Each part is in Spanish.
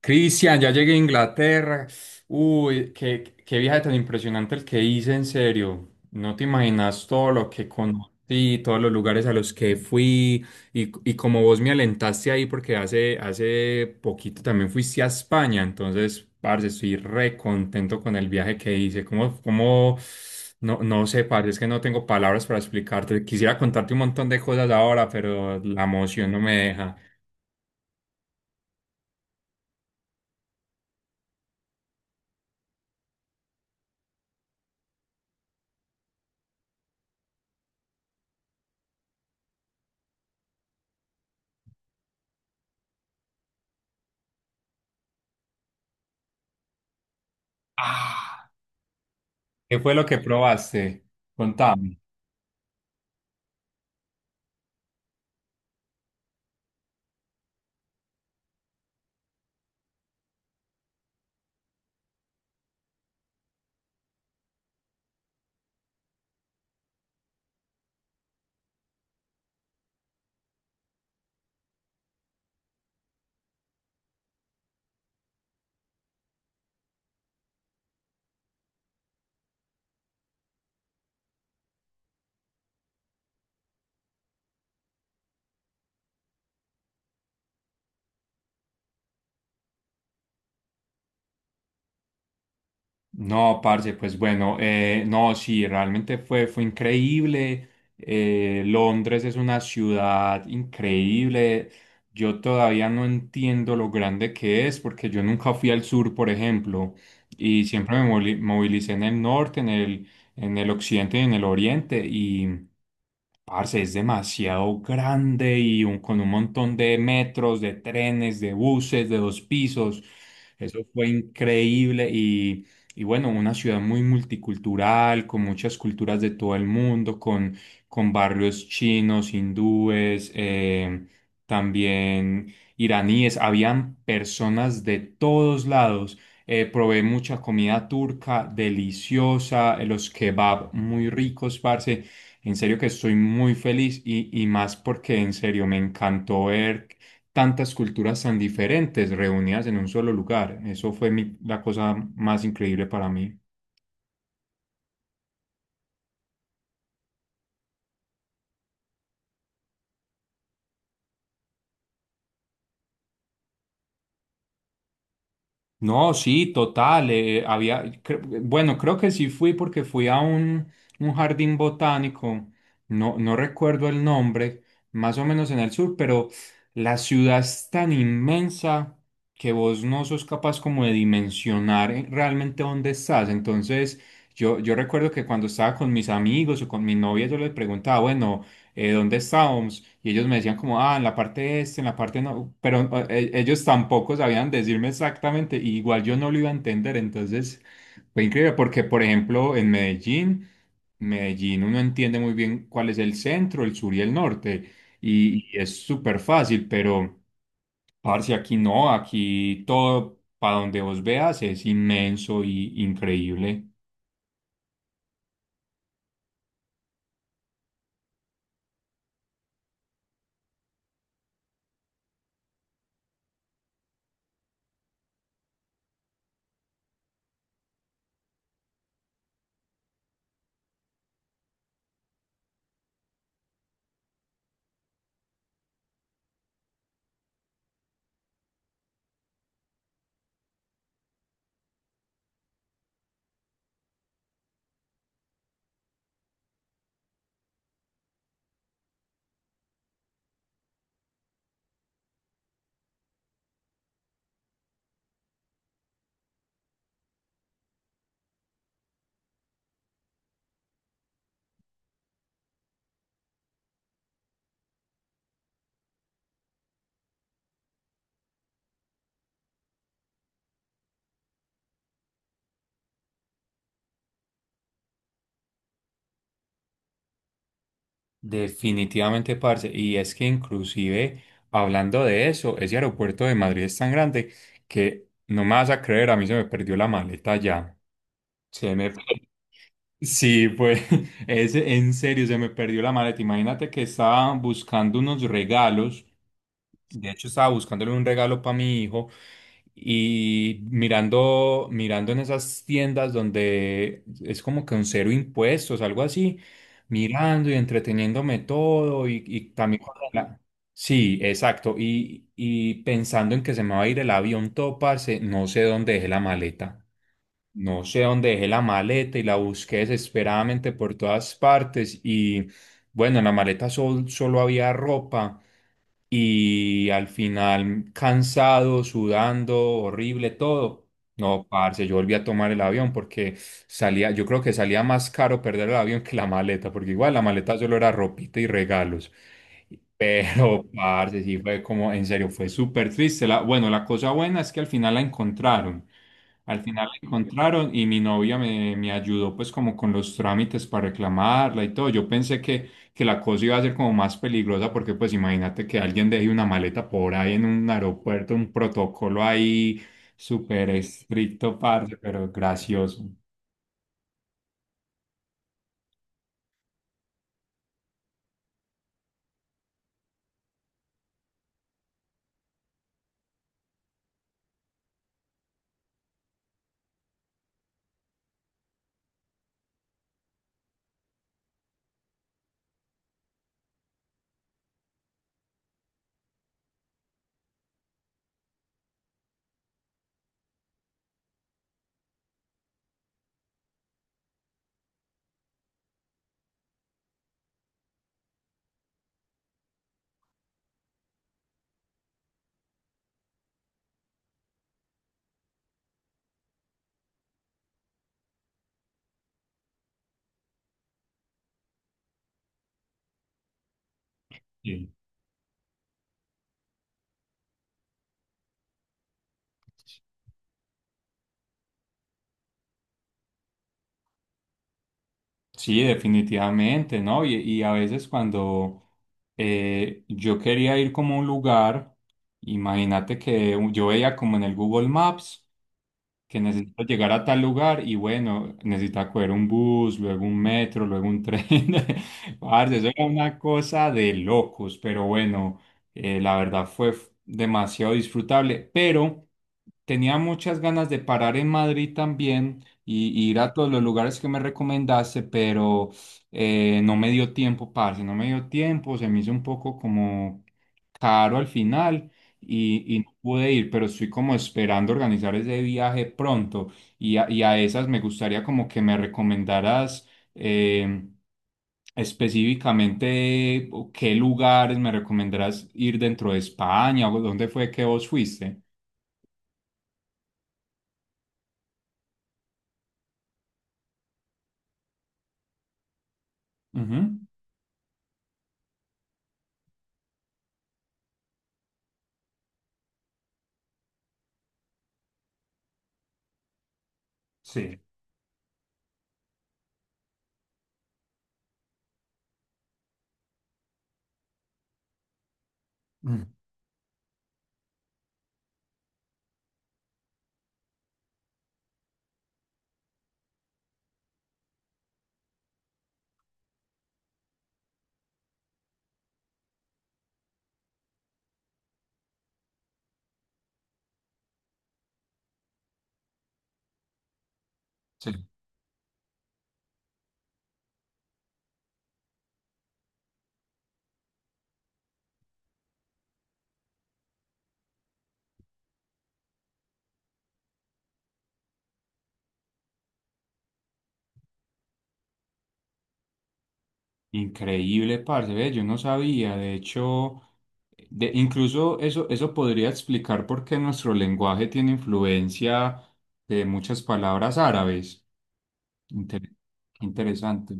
Cristian, ya llegué a Inglaterra. Uy, qué viaje tan impresionante el que hice, en serio. No te imaginas todo lo que conocí, todos los lugares a los que fui y como vos me alentaste ahí porque hace poquito también fuiste a España, entonces, parce, estoy re contento con el viaje que hice. ¿Cómo, cómo, no, no sé, parce? Es que no tengo palabras para explicarte. Quisiera contarte un montón de cosas ahora, pero la emoción no me deja. Ah. ¿Qué fue lo que probaste? Contame. No, parce, pues bueno, no, sí, realmente fue increíble. Londres es una ciudad increíble. Yo todavía no entiendo lo grande que es porque yo nunca fui al sur, por ejemplo, y siempre movilicé en el norte, en en el occidente y en el oriente. Parce, es demasiado grande con un montón de metros, de trenes, de buses, de dos pisos. Eso fue increíble y bueno, una ciudad muy multicultural, con muchas culturas de todo el mundo, con barrios chinos, hindúes, también iraníes. Habían personas de todos lados. Probé mucha comida turca, deliciosa, los kebab muy ricos, parce. En serio que estoy muy feliz y más porque en serio me encantó ver tantas culturas tan diferentes reunidas en un solo lugar. Eso fue la cosa más increíble para mí. No, sí, total. Había, bueno, creo que sí fui porque fui a un jardín botánico, no, no recuerdo el nombre, más o menos en el sur, pero la ciudad es tan inmensa que vos no sos capaz como de dimensionar realmente dónde estás. Entonces, yo recuerdo que cuando estaba con mis amigos o con mi novia, yo les preguntaba, bueno, ¿dónde estábamos? Y ellos me decían como, ah, en la parte este, en la parte no, pero ellos tampoco sabían decirme exactamente, y igual yo no lo iba a entender, entonces fue increíble porque, por ejemplo, en Medellín, Medellín uno entiende muy bien cuál es el centro, el sur y el norte, y es súper fácil, pero... Parce, aquí no, aquí todo para donde vos veas es inmenso y increíble. Definitivamente, parce. Y es que inclusive, hablando de eso, ese aeropuerto de Madrid es tan grande que no me vas a creer, a mí se me perdió la maleta ya. Se me... Sí, pues, es, en serio, se me perdió la maleta. Imagínate que estaba buscando unos regalos, de hecho, estaba buscándole un regalo para mi hijo y mirando en esas tiendas donde es como que un cero impuestos, algo así, mirando y entreteniéndome todo y también sí, exacto. Y pensando en que se me va a ir el avión todo, parce, no sé dónde dejé la maleta. No sé dónde dejé la maleta y la busqué desesperadamente por todas partes y bueno, en la maleta solo había ropa y al final cansado, sudando, horrible, todo. No, parce, yo volví a tomar el avión porque salía, yo creo que salía más caro perder el avión que la maleta, porque igual la maleta solo era ropita y regalos. Pero, parce, sí fue como, en serio, fue súper triste. La, bueno, la cosa buena es que al final la encontraron. Al final la encontraron y mi novia me ayudó pues como con los trámites para reclamarla y todo. Yo pensé que la cosa iba a ser como más peligrosa porque pues imagínate que alguien deje una maleta por ahí en un aeropuerto, un protocolo ahí súper estricto, parce, pero gracioso. Sí. Sí, definitivamente, ¿no? Y a veces cuando yo quería ir como a un lugar, imagínate que yo veía como en el Google Maps que necesito llegar a tal lugar y bueno, necesitaba coger un bus, luego un metro, luego un tren. Parce, eso era una cosa de locos, pero bueno, la verdad demasiado disfrutable, pero tenía muchas ganas de parar en Madrid también y ir a todos los lugares que me recomendaste, pero no me dio tiempo, parce, no me dio tiempo, se me hizo un poco como caro al final y no pude ir, pero estoy como esperando organizar ese viaje pronto y a esas me gustaría como que me recomendaras eh, específicamente o qué lugares me recomendarás ir dentro de España o dónde fue que vos fuiste. Ujú. Sí. Mm, sí. Increíble, parce, ve, yo no sabía, de hecho, de, incluso eso, eso podría explicar por qué nuestro lenguaje tiene influencia de muchas palabras árabes. Inter- Interesante.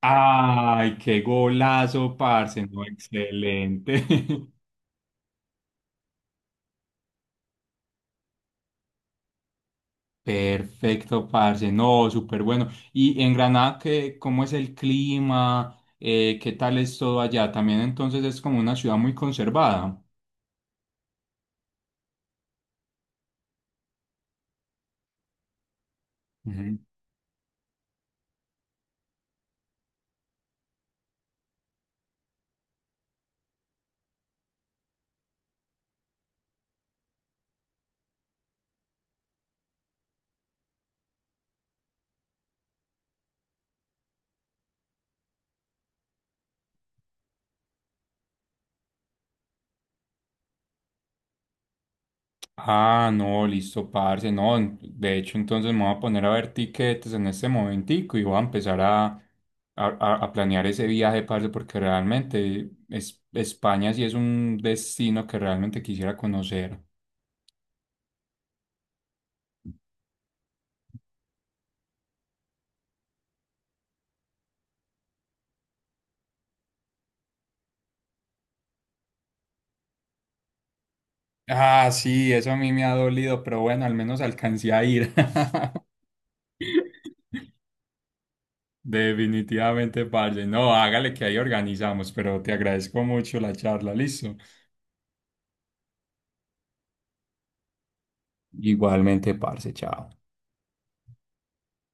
Ay, qué golazo, parce, no, excelente. Perfecto, parce, no, súper bueno. ¿Y en Granada, qué, cómo es el clima? ¿Qué tal es todo allá? También entonces es como una ciudad muy conservada. Ujú. Ah, no, listo, parce. No, de hecho, entonces me voy a poner a ver tiquetes en este momentico y voy a empezar a planear ese viaje, parce, porque realmente es, España sí es un destino que realmente quisiera conocer. Ah, sí, eso a mí me ha dolido, pero bueno, al menos alcancé a ir. Definitivamente, parce. No, hágale que ahí organizamos, pero te agradezco mucho la charla, listo. Igualmente, parce, chao.